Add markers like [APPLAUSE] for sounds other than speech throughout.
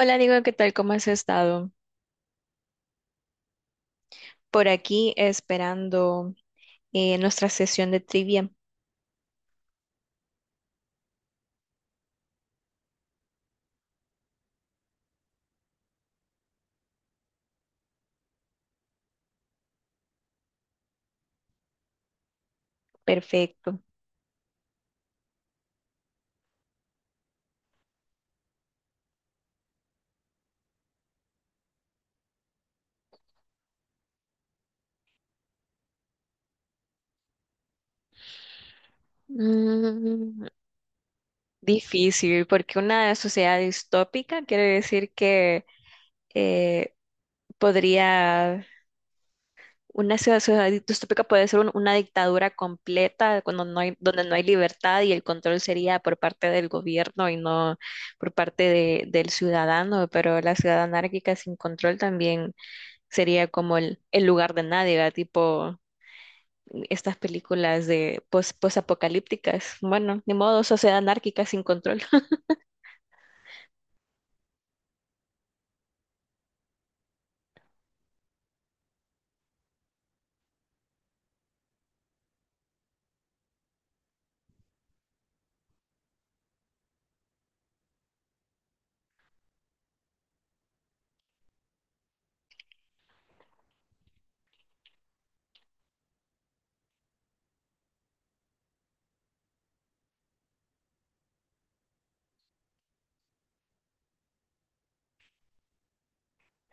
Hola, Diego, ¿qué tal? ¿Cómo has estado? Por aquí esperando nuestra sesión de trivia. Perfecto. Mm, difícil, porque una sociedad distópica quiere decir que eh, podría, una sociedad distópica puede ser una dictadura completa cuando no hay, donde no hay libertad y el control sería por parte del gobierno y no por parte del ciudadano, pero la ciudad anárquica sin control también sería como el lugar de nadie, ¿verdad? Tipo estas películas de post, apocalípticas. Bueno, ni modo, sociedad anárquica sin control. [LAUGHS]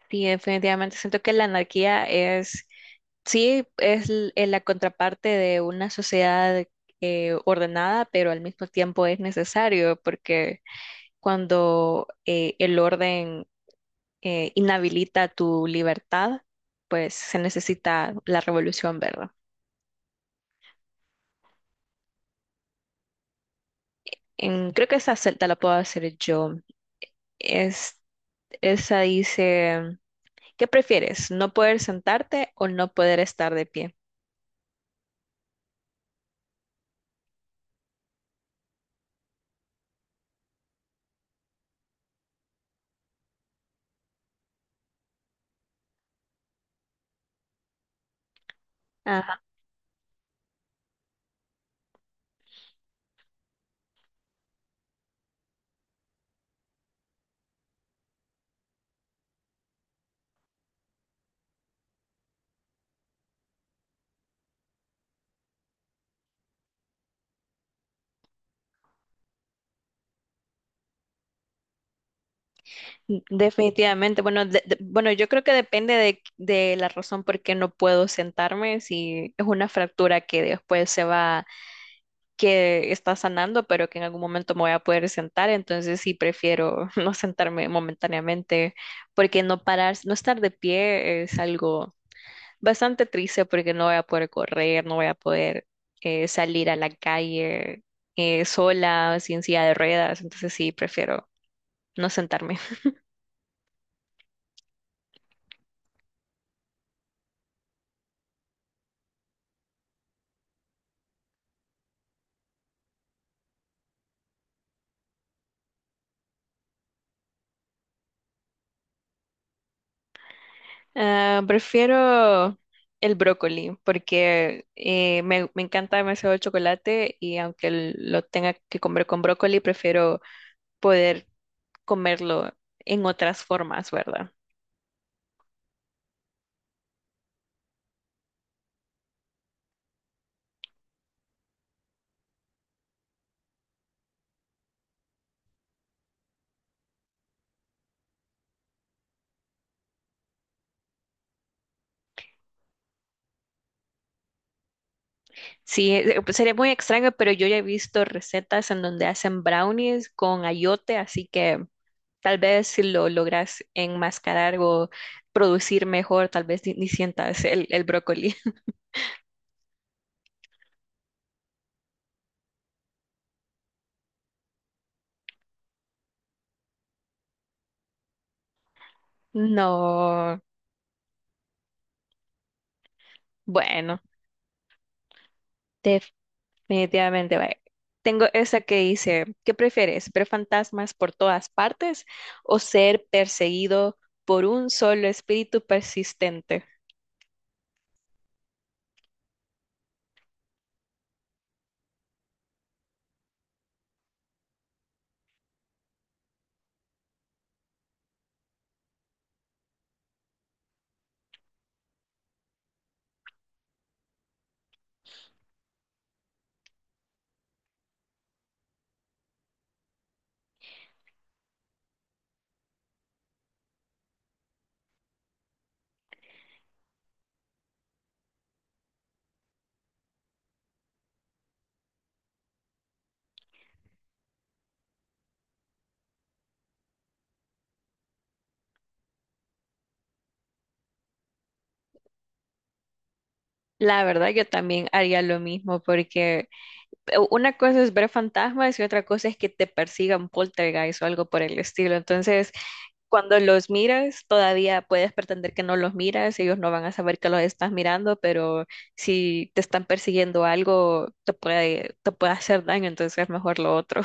Sí, definitivamente siento que la anarquía es, sí, es la contraparte de una sociedad ordenada, pero al mismo tiempo es necesario porque cuando el orden inhabilita tu libertad, pues se necesita la revolución, ¿verdad? Creo que esa te la puedo hacer yo. Es, esa dice, ¿qué prefieres? ¿No poder sentarte o no poder estar de pie? Ajá. Definitivamente. Bueno, bueno, yo creo que depende de la razón por qué no puedo sentarme, si es una fractura que después se va, que está sanando, pero que en algún momento me voy a poder sentar, entonces sí prefiero [LAUGHS] no sentarme momentáneamente, porque no parar, no estar de pie es algo bastante triste porque no voy a poder correr, no voy a poder salir a la calle sola, sin silla de ruedas, entonces sí, prefiero no sentarme. [LAUGHS] Ah, prefiero el brócoli porque me encanta demasiado el chocolate y aunque lo tenga que comer con brócoli, prefiero poder comerlo en otras formas, ¿verdad? Sí, pues, sería muy extraño, pero yo ya he visto recetas en donde hacen brownies con ayote, así que tal vez si lo logras enmascarar o producir mejor, tal vez ni sientas el brócoli. [LAUGHS] No, bueno, definitivamente. Vaya. Tengo esa que dice, ¿qué prefieres? ¿Ver fantasmas por todas partes o ser perseguido por un solo espíritu persistente? La verdad, yo también haría lo mismo porque una cosa es ver fantasmas y otra cosa es que te persigan poltergeist o algo por el estilo. Entonces, cuando los miras, todavía puedes pretender que no los miras, ellos no van a saber que los estás mirando, pero si te están persiguiendo algo, te puede hacer daño, entonces es mejor lo otro.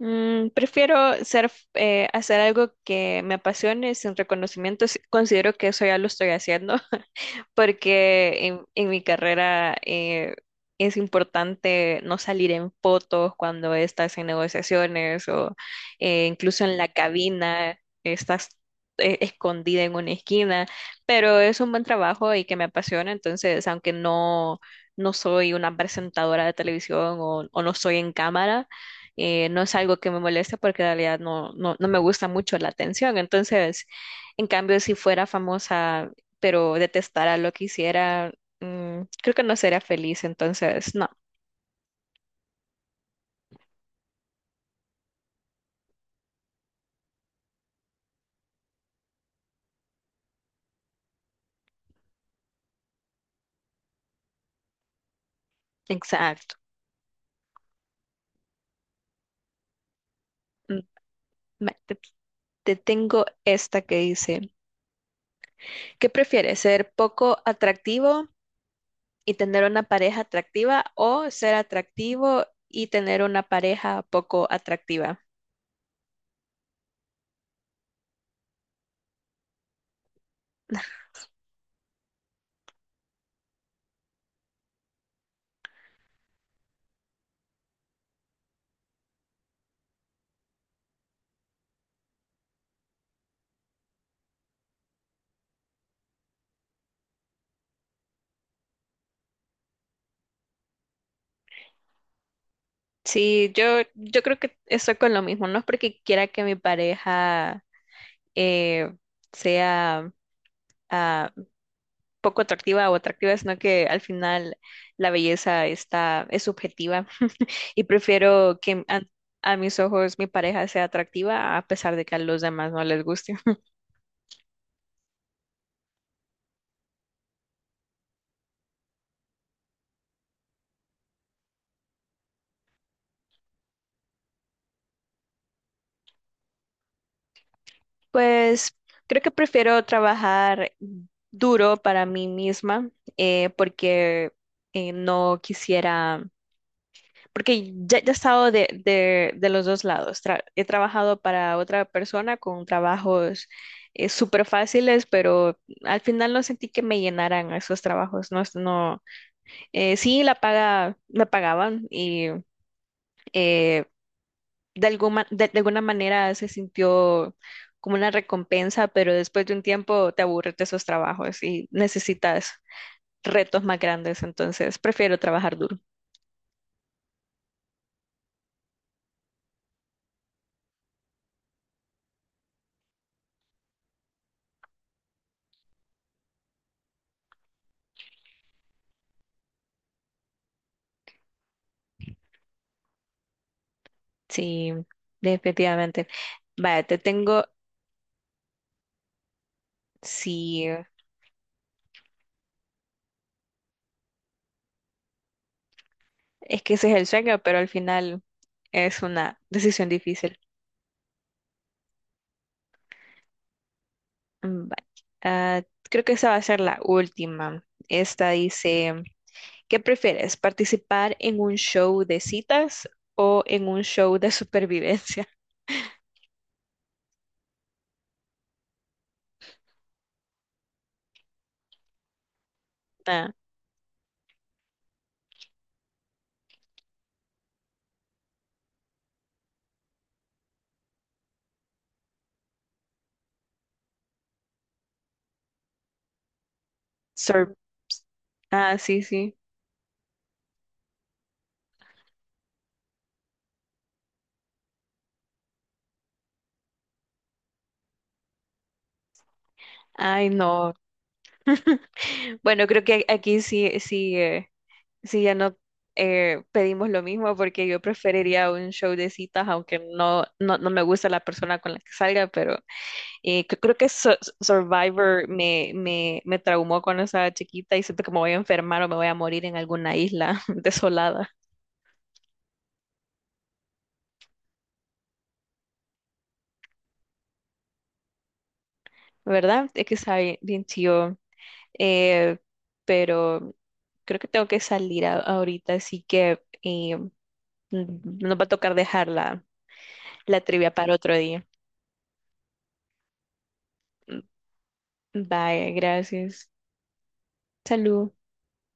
Mm, prefiero ser, hacer algo que me apasione sin reconocimiento. Considero que eso ya lo estoy haciendo, porque en mi carrera es importante no salir en fotos cuando estás en negociaciones o incluso en la cabina, estás escondida en una esquina, pero es un buen trabajo y que me apasiona, entonces aunque no, no soy una presentadora de televisión o no soy en cámara, no es algo que me moleste porque en realidad no me gusta mucho la atención, entonces... En cambio, si fuera famosa pero detestara lo que hiciera, mm, creo que no sería feliz, entonces no, exacto. Mm, ma- Te, te tengo esta que dice, ¿qué prefieres, ser poco atractivo y tener una pareja atractiva o ser atractivo y tener una pareja poco atractiva? Sí, yo creo que estoy con lo mismo, no es porque quiera que mi pareja eh, sea... ah, poco atractiva o atractiva, sino que al final la belleza es subjetiva y prefiero que a mis ojos mi pareja sea atractiva a pesar de que a los demás no les guste. [LAUGHS] Pues creo que prefiero trabajar duro para mí misma porque no quisiera, porque ya he estado de los dos lados. He trabajado para otra persona con trabajos súper fáciles, pero al final no sentí que me llenaran esos trabajos. No, no, sí, la paga, me pagaban y eh, de alguna, de alguna manera se sintió como una recompensa, pero después de un tiempo te aburres de esos trabajos y necesitas retos más grandes. Entonces, prefiero trabajar duro. Sí, definitivamente. Vaya, te tengo. Sí, es que ese es el sueño, pero al final es una decisión difícil. Mm, vale. Ah, creo que esa va a ser la última. Esta dice, ¿qué prefieres? ¿Participar en un show de citas o en un show de supervivencia? [LAUGHS] Ah, sur- ah, sí, sí. Ay, no. Bueno, creo que aquí sí, sí, sí ya no pedimos lo mismo, porque yo preferiría un show de citas, aunque no me gusta la persona con la que salga, pero eh, creo que Survivor me traumó cuando estaba chiquita y siento que me voy a enfermar o me voy a morir en alguna isla [LAUGHS] desolada, ¿verdad? Es que está bien, bien chido. Eh, pero creo que tengo que salir ahorita, así que eh, n- nos va a tocar dejar la trivia para otro día. Bye, gracias. Salud.